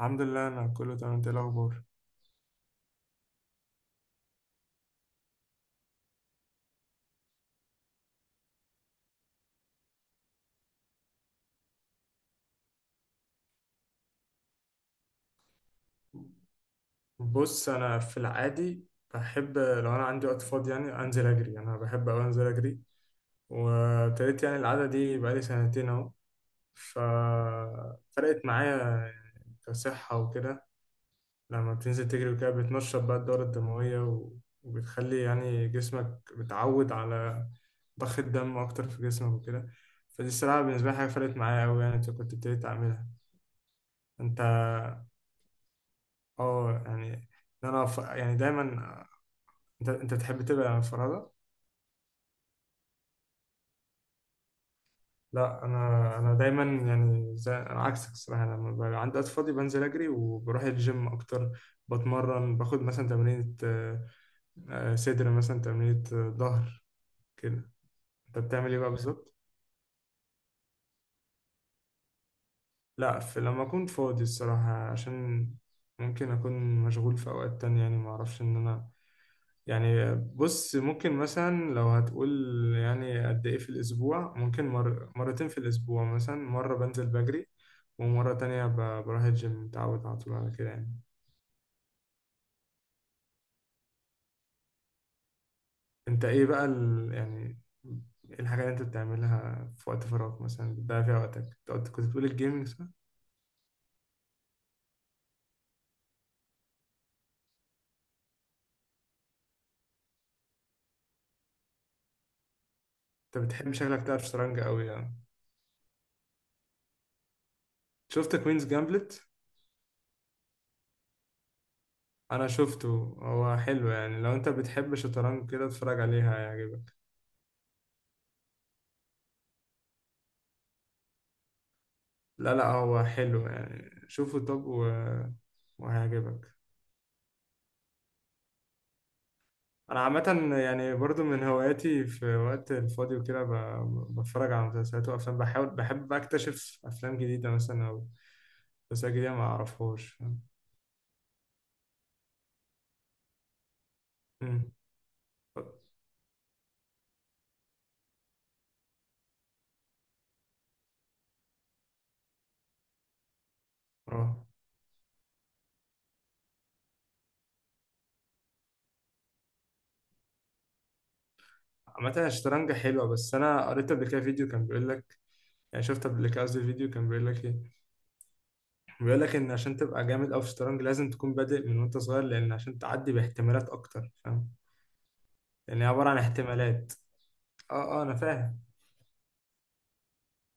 الحمد لله، كله تمام. انت إيه الاخبار؟ بص انا في العادي بحب لو انا عندي وقت فاضي يعني انزل اجري. انا بحب اوي انزل اجري. وابتديت يعني العاده دي بقالي سنتين اهو. ففرقت معايا كصحه وكده. لما بتنزل تجري وكده بتنشط بقى الدوره الدمويه وبتخلي يعني جسمك بتعود على ضخ الدم اكتر في جسمك وكده. فدي الصراحه بالنسبه لي حاجه فرقت معايا قوي يعني. أنت كنت ابتديت اعملها؟ انت اه يعني. إن يعني دايما. انت بتحب تبقى فرادة؟ لا، انا دايما يعني زي انا عكسك الصراحه. لما بقى عندي وقت فاضي بنزل اجري وبروح الجيم اكتر. بتمرن، باخد مثلا تمرينة صدر، مثلا تمرينة ظهر كده. انت بتعمل ايه بقى بالظبط؟ لا، في لما اكون فاضي الصراحه، عشان ممكن اكون مشغول في اوقات تانية يعني، ما اعرفش ان انا. يعني بص ممكن مثلا لو هتقول يعني قد ايه في الاسبوع، ممكن مرتين في الاسبوع، مثلا مرة بنزل بجري ومرة تانية بروح الجيم. متعود على طول على كده يعني. انت ايه بقى يعني إيه الحاجة اللي انت بتعملها في وقت فراغك مثلا بتضيع فيها وقتك؟ انت كنت بتقول الجيمنج، صح؟ انت بتحب شكلك تعرف شطرنج قوي يعني. شفت كوينز جامبلت؟ انا شفته. هو حلو يعني، لو انت بتحب شطرنج كده اتفرج عليها، هيعجبك. لا لا، هو حلو يعني، شوفه. وهيعجبك. انا عامة يعني برضو من هواياتي في وقت الفاضي وكده بتفرج على مسلسلات وافلام، بحاول بحب بقى اكتشف افلام جديدة مثلا او مسلسلات جديدة ما اعرفهاش، فاهم؟ مم. اه عامة الشطرنج حلوة، بس أنا قريت قبل كده فيديو كان بيقول لك، يعني شفت قبل كده، قصدي فيديو كان بيقول لك إيه، بيقول لك إن عشان تبقى جامد أوي في الشطرنج لازم تكون بادئ من وأنت صغير، لأن عشان تعدي باحتمالات أكتر، فاهم؟ يعني عبارة عن احتمالات. اه اه، أنا فاهم.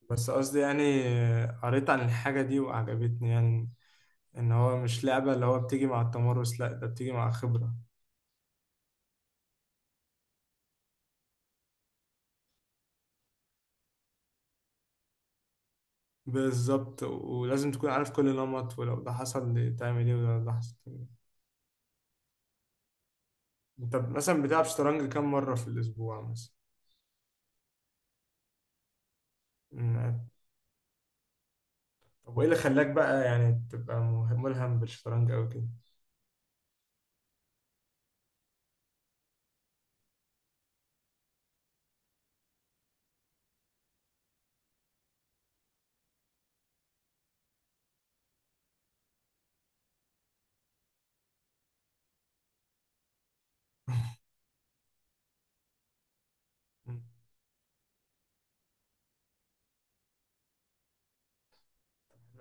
بس قصدي يعني قريت عن الحاجة دي وعجبتني يعني. إن هو مش لعبة اللي هو بتيجي مع التمرس، لأ ده بتيجي مع خبرة. بالظبط، ولازم تكون عارف كل نمط، ولو ده حصل تعمل إيه، ولو ده حصل تعمل إيه. أنت مثلا بتلعب شطرنج كام مرة في الأسبوع مثلا؟ مم. طب وإيه اللي خلاك بقى يعني تبقى ملهم بالشطرنج أوي كده؟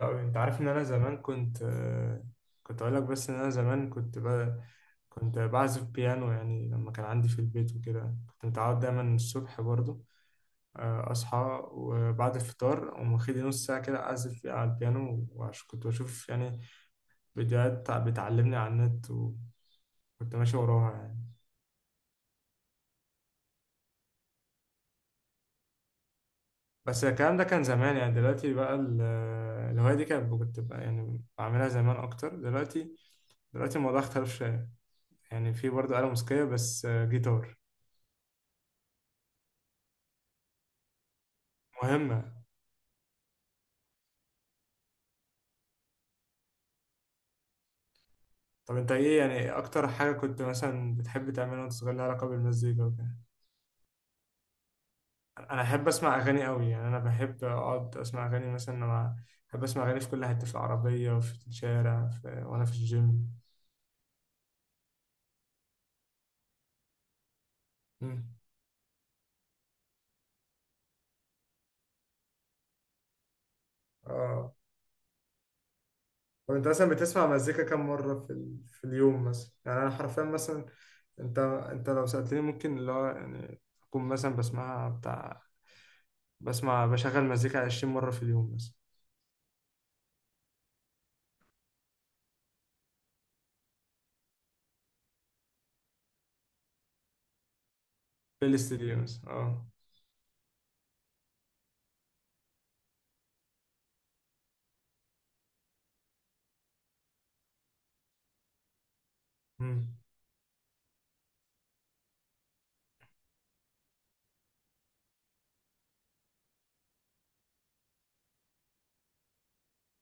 أوي. انت عارف ان انا زمان كنت كنت اقول لك، بس ان انا زمان كنت بعزف بيانو يعني. لما كان عندي في البيت وكده كنت متعود دايما الصبح برضو اصحى وبعد الفطار اقوم واخد نص ساعه كده اعزف فيها على البيانو، وعش كنت بشوف يعني فيديوهات بتعلمني على النت وكنت ماشي وراها يعني. بس الكلام ده كان زمان يعني، دلوقتي بقى الهوايه دي كانت، كنت بقى يعني بعملها زمان اكتر. دلوقتي، دلوقتي الموضوع اختلف شويه. يعني في برضه آلة موسيقية بس جيتار. مهمة. طب انت ايه يعني اكتر حاجة كنت مثلا بتحب تعملها وانت صغير لها علاقة بالمزيكا وكده؟ انا احب اسمع اغاني قوي يعني، انا بحب اقعد اسمع اغاني مثلا لما، بحب اسمع اغاني في كل حتة، في العربية وفي الشارع وانا في الجيم. مم. اه. طب انت مثلا بتسمع مزيكا كم مرة في اليوم مثلا؟ يعني انا حرفيا مثلا، انت لو سألتني ممكن اللي هو يعني اكون مثلا بسمعها بتاع، بسمع بشغل مزيكا 20 مرة في اليوم مثلا. بلاي ليست دي مثلا اه. مم.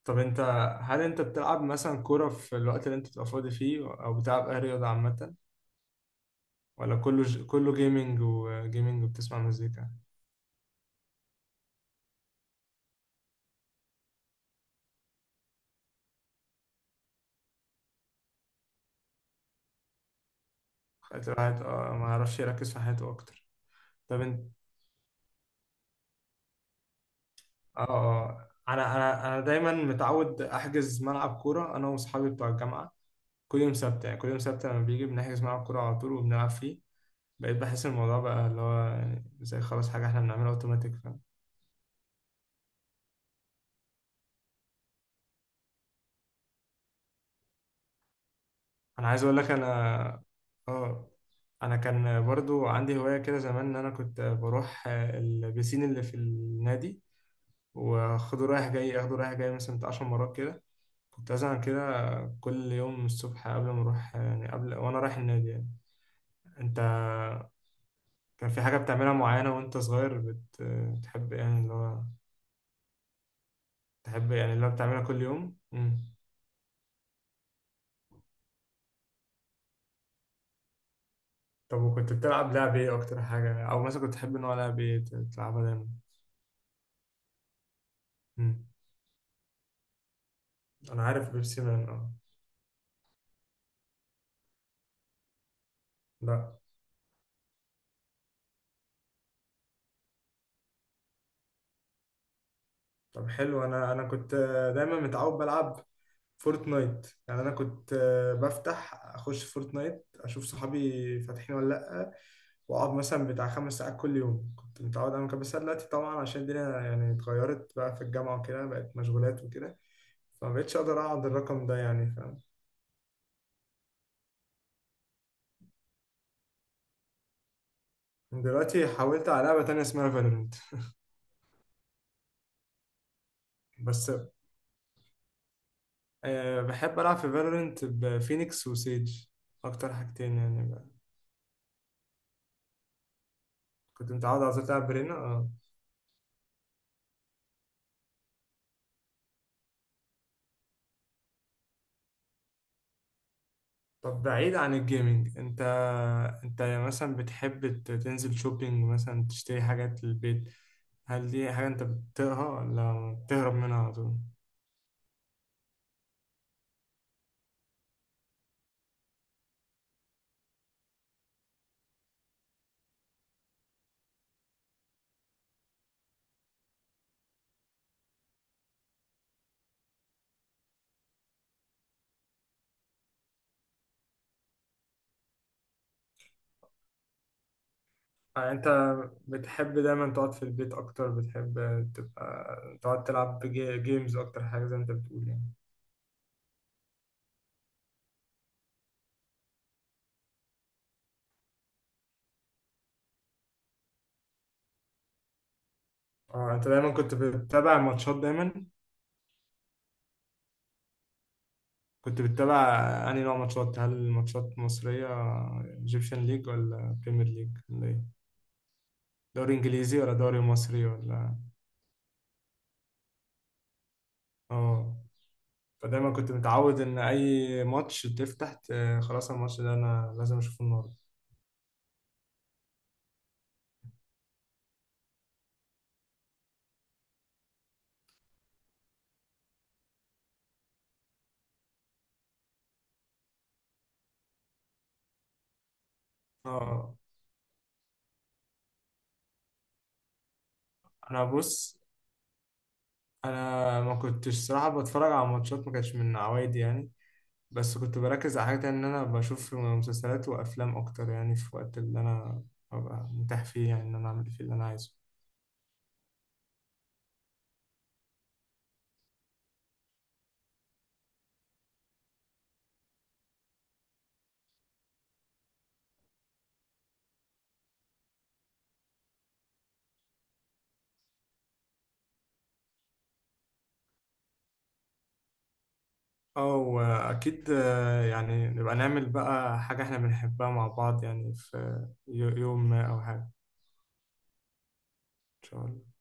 طب انت، هل انت بتلعب مثلا كورة في الوقت اللي انت بتبقى فاضي فيه، او بتلعب اي رياضة عامة، ولا كله كله جيمنج وجيمنج وبتسمع مزيكا؟ خلت الواحد اه ما يعرفش يركز في حياته اكتر. طب انت اه اه آه. انا دايما متعود احجز ملعب كورة انا واصحابي بتوع الجامعة، كل يوم سبت يعني، كل يوم سبت لما بيجي بنحجز ملعب كورة على طول وبنلعب فيه. بقيت بحس الموضوع بقى اللي هو يعني زي خلاص حاجة احنا بنعملها اوتوماتيك. انا عايز اقول لك انا، اه، انا كان برضو عندي هواية كده زمان ان انا كنت بروح البسين اللي في النادي، واخده رايح جاي، اخده رايح جاي مثلا بتاع 10 مرات كده. كنت ازعل كده كل يوم الصبح قبل ما اروح يعني قبل وانا رايح النادي يعني. انت كان في حاجة بتعملها معينة وانت صغير بتحب يعني اللي هو، تحب يعني اللي هو بتعملها كل يوم؟ مم. طب وكنت بتلعب لعب ايه اكتر حاجة، او مثلا كنت تحب نوع لعب ايه بتلعبها دايما؟ مم. انا عارف بيبسي مان اه. لا. طب حلو. انا انا كنت دايما متعود بلعب فورتنايت، يعني انا كنت بفتح اخش فورتنايت اشوف صحابي فاتحين ولا لا، واقعد مثلا بتاع خمس ساعات كل يوم. كنت متعود اعمل كده، بس أنا دلوقتي طبعا عشان الدنيا يعني اتغيرت بقى في الجامعه وكده بقت مشغولات وكده فما بقتش اقدر اقعد الرقم ده يعني، فاهم؟ دلوقتي حاولت على لعبه تانية اسمها فالورنت بس. أه بحب العب في فالورنت بفينيكس وسيج، اكتر حاجتين يعني بقى. كنت متعود على طول العب برينا. طب بعيد عن الجيمنج انت، انت مثلا بتحب تنزل شوبينج مثلا تشتري حاجات للبيت؟ هل دي حاجة انت بتطيقها ولا بتهرب منها على طول؟ انت بتحب دايما تقعد في البيت اكتر، بتحب تبقى تقعد تلعب جيمز اكتر حاجة زي ما انت بتقول يعني؟ اه. انت دايما كنت بتتابع ماتشات دايما، كنت بتتابع انهي نوع ماتشات؟ هل ماتشات مصرية، ايجيبشن ليج، ولا بريمير ليج، ولا ايه؟ دوري انجليزي ولا دوري مصري ولا؟ اه. فدايما كنت متعود ان اي ماتش تفتح خلاص الماتش ده انا لازم اشوفه النهارده. اه. انا بص، انا ما كنتش صراحه بتفرج على ماتشات، ما كانش من عوايدي يعني. بس كنت بركز على حاجه تانية ان انا بشوف مسلسلات وافلام اكتر، يعني في الوقت اللي انا ببقى متاح فيه يعني ان انا اعمل فيه اللي انا عايزه. اه واكيد يعني نبقى نعمل بقى حاجه احنا بنحبها مع بعض يعني، في يوم ما او حاجه. ان شاء الله.